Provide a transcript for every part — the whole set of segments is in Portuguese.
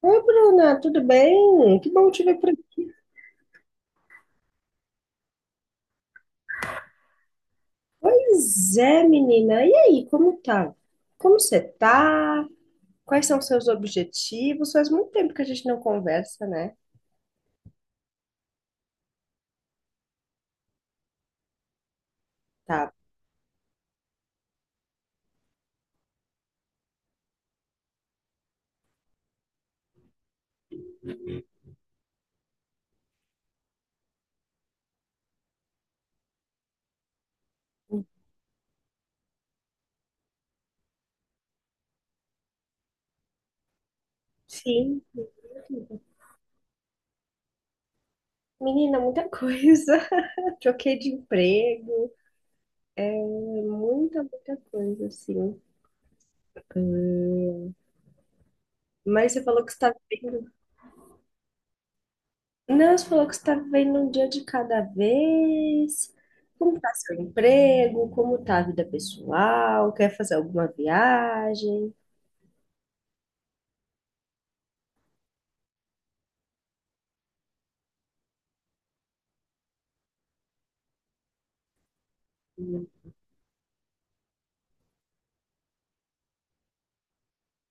Oi, Bruna, tudo bem? Que bom te ver por aqui. Pois é, menina. E aí, como tá? Como você tá? Quais são os seus objetivos? Faz muito tempo que a gente não conversa, né? Tá. Sim. Menina, muita coisa. Troquei de emprego. Muita, muita coisa, assim. Mas você falou que está vivendo. Não, você falou que você está vivendo um dia de cada vez. Como está seu emprego? Como está a vida pessoal? Quer fazer alguma viagem? Hum.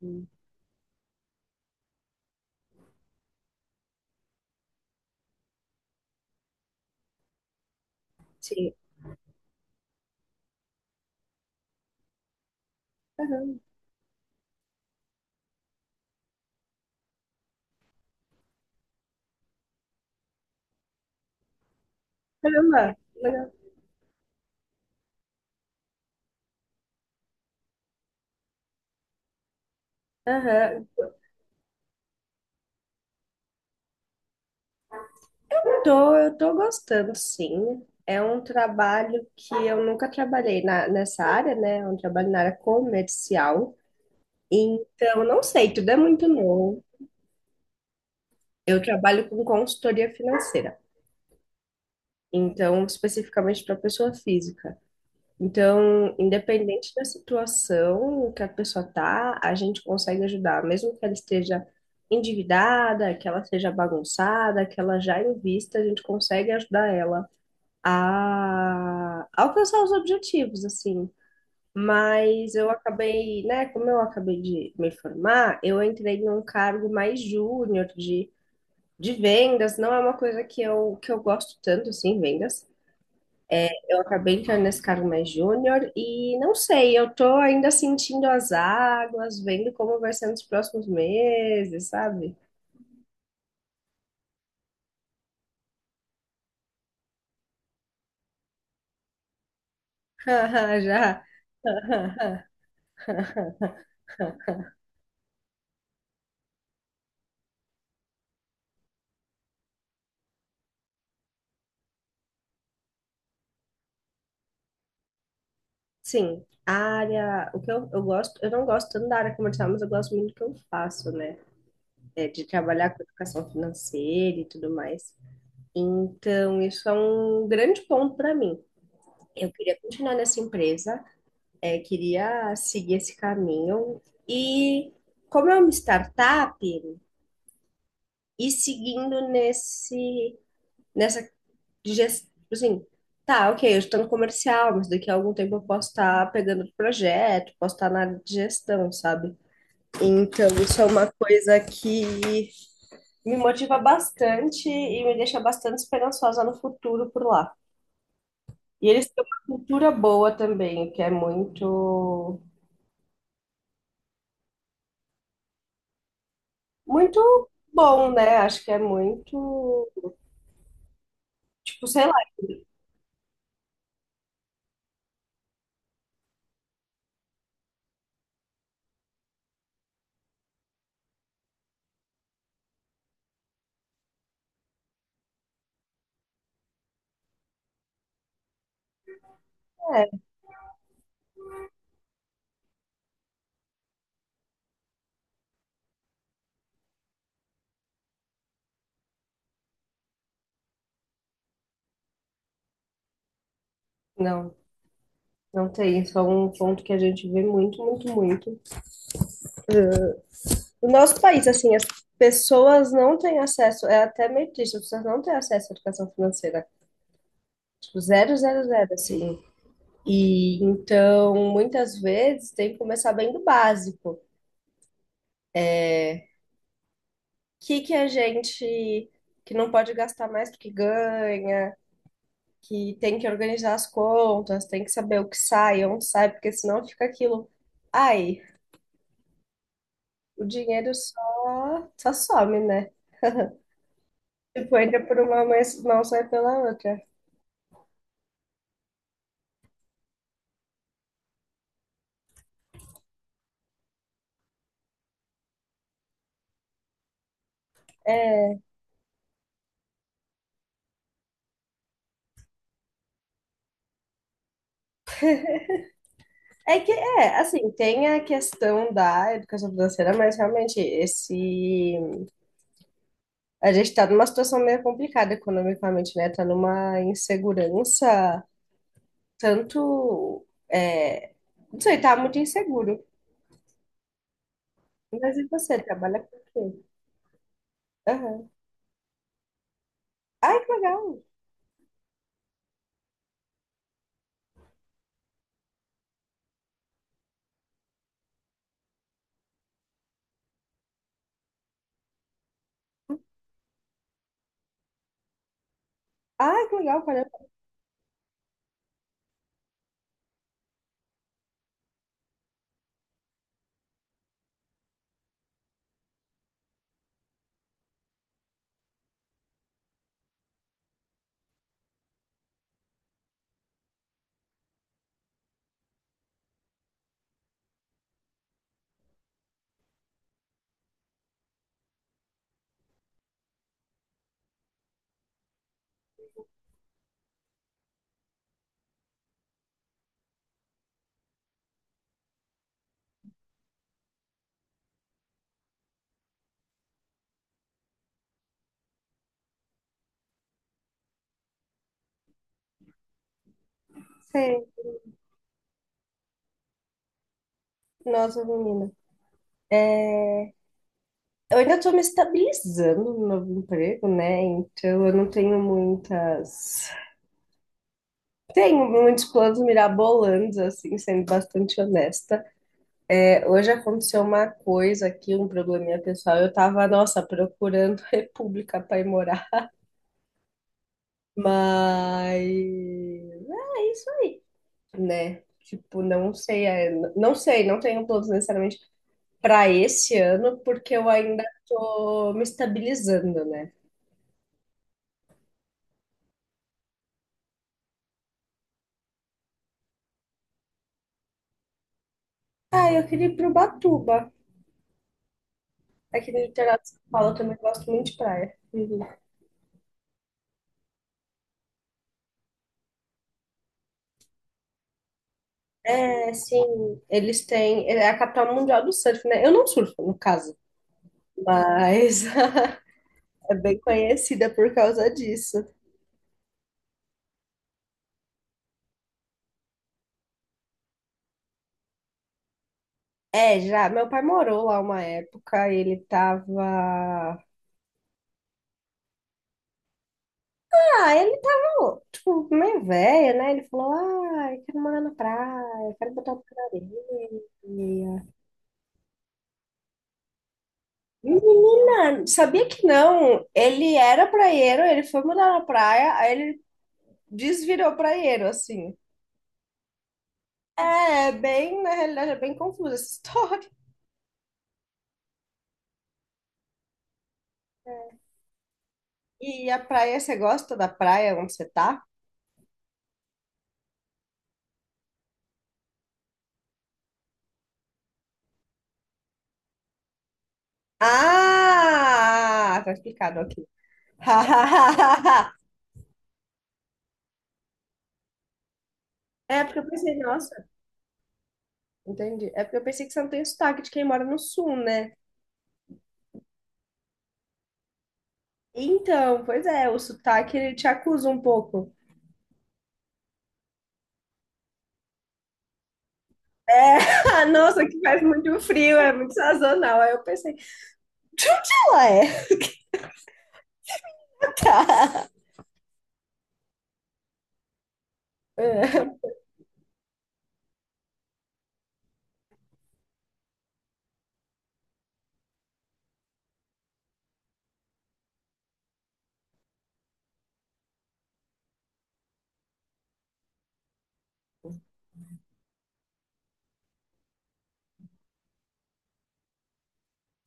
Hum. Sim. Aham. Caramba, legal. Aham. Tô, eu tô gostando, sim. É um trabalho que eu nunca trabalhei nessa área, né? Eu trabalho na área comercial. Então, não sei, tudo é muito novo. Eu trabalho com consultoria financeira. Então, especificamente para pessoa física. Então, independente da situação que a pessoa tá, a gente consegue ajudar, mesmo que ela esteja endividada, que ela seja bagunçada, que ela já invista, a gente consegue ajudar ela a alcançar os objetivos, assim. Mas eu acabei, né, como eu acabei de me formar, eu entrei num cargo mais júnior de vendas, não é uma coisa que eu gosto tanto, assim, vendas. Eu acabei entrando nesse cargo mais júnior e não sei, eu tô ainda sentindo as águas, vendo como vai ser nos próximos meses, sabe? Já. Sim, a área, o que eu gosto, eu não gosto tanto da área comercial, mas eu gosto muito do que eu faço, né? É, de trabalhar com educação financeira e tudo mais. Então, isso é um grande ponto para mim. Eu queria continuar nessa empresa, queria seguir esse caminho. E como é uma startup, e seguindo nessa gestão, assim, tá, ok, eu estou no comercial, mas daqui a algum tempo eu posso estar pegando o projeto, posso estar na área de gestão, sabe? Então, isso é uma coisa que me motiva bastante e me deixa bastante esperançosa no futuro por lá. E eles têm uma cultura boa também, que é muito muito bom, né? Acho que é muito, tipo, sei lá, é. Não, não tem. Isso é um ponto que a gente vê muito, muito, muito. No nosso país, assim, as pessoas não têm acesso, é até meio triste, as pessoas não têm acesso à educação financeira. Tipo, zero, zero, zero, assim. E então, muitas vezes, tem que começar bem do básico. O que que a gente que não pode gastar mais do que ganha? Que tem que organizar as contas, tem que saber o que sai, onde sai, porque senão fica aquilo. Ai, o dinheiro só some, né? Tipo, entra por uma mas não sai pela outra. É que, assim, tem a questão da educação financeira, mas realmente esse. A gente tá numa situação meio complicada economicamente, né? Tá numa insegurança, tanto. Não sei, tá muito inseguro. Mas e você, trabalha com o quê? Aham. Ai, que legal! Ah, que legal, parabéns. Você, nossa menina. É, eu ainda estou me estabilizando no novo emprego, né? Então eu não tenho muitas. Tenho muitos planos mirabolantes, assim, sendo bastante honesta. É, hoje aconteceu uma coisa aqui, um probleminha pessoal. Eu tava, nossa, procurando república para ir morar. Mas é isso aí, né? Tipo, não sei, não sei, não tenho planos necessariamente para esse ano, porque eu ainda tô me estabilizando, né? Ah, eu queria ir pro Batuba. Aqui no litoral de São Paulo, eu também gosto muito de praia. Uhum. É, sim, eles têm. É a capital mundial do surf, né? Eu não surfo, no caso, mas é bem conhecida por causa disso. É, já. Meu pai morou lá uma época, ele tava. Ah, ele tava, tipo, meio velho, né? Ele falou: ah, eu quero morar na praia, eu quero botar o pé na areia. Menina, sabia que não? Ele era praieiro, ele foi morar na praia, aí ele desvirou praieiro, assim. É bem, na realidade, é bem confusa essa história. E a praia, você gosta da praia onde você tá? Ah, tá explicado aqui. É porque eu pensei, nossa, entendi. É porque eu pensei que você não tem sotaque de quem mora no sul, né? Então, pois é, o sotaque ele te acusa um pouco. É, nossa, que faz muito frio, é muito sazonal. Aí eu pensei, ué, tá. É,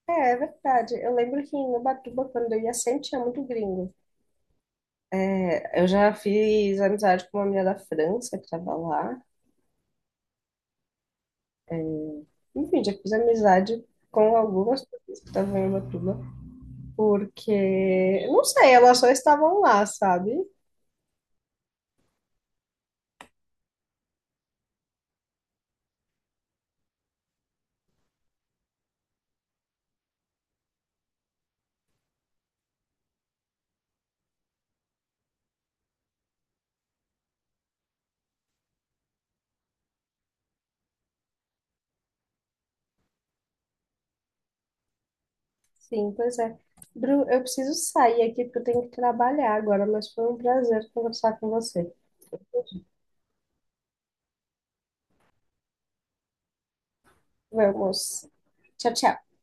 é, verdade. Eu lembro que em Ubatuba, quando eu ia, sempre tinha muito gringo. É, eu já fiz amizade com uma menina da França que estava lá. Enfim, já fiz amizade com algumas pessoas que estavam em Ubatuba, porque, não sei, elas só estavam lá, sabe? Sim, pois é. Bru, eu preciso sair aqui porque eu tenho que trabalhar agora, mas foi um prazer conversar com você. Vamos. Tchau, tchau.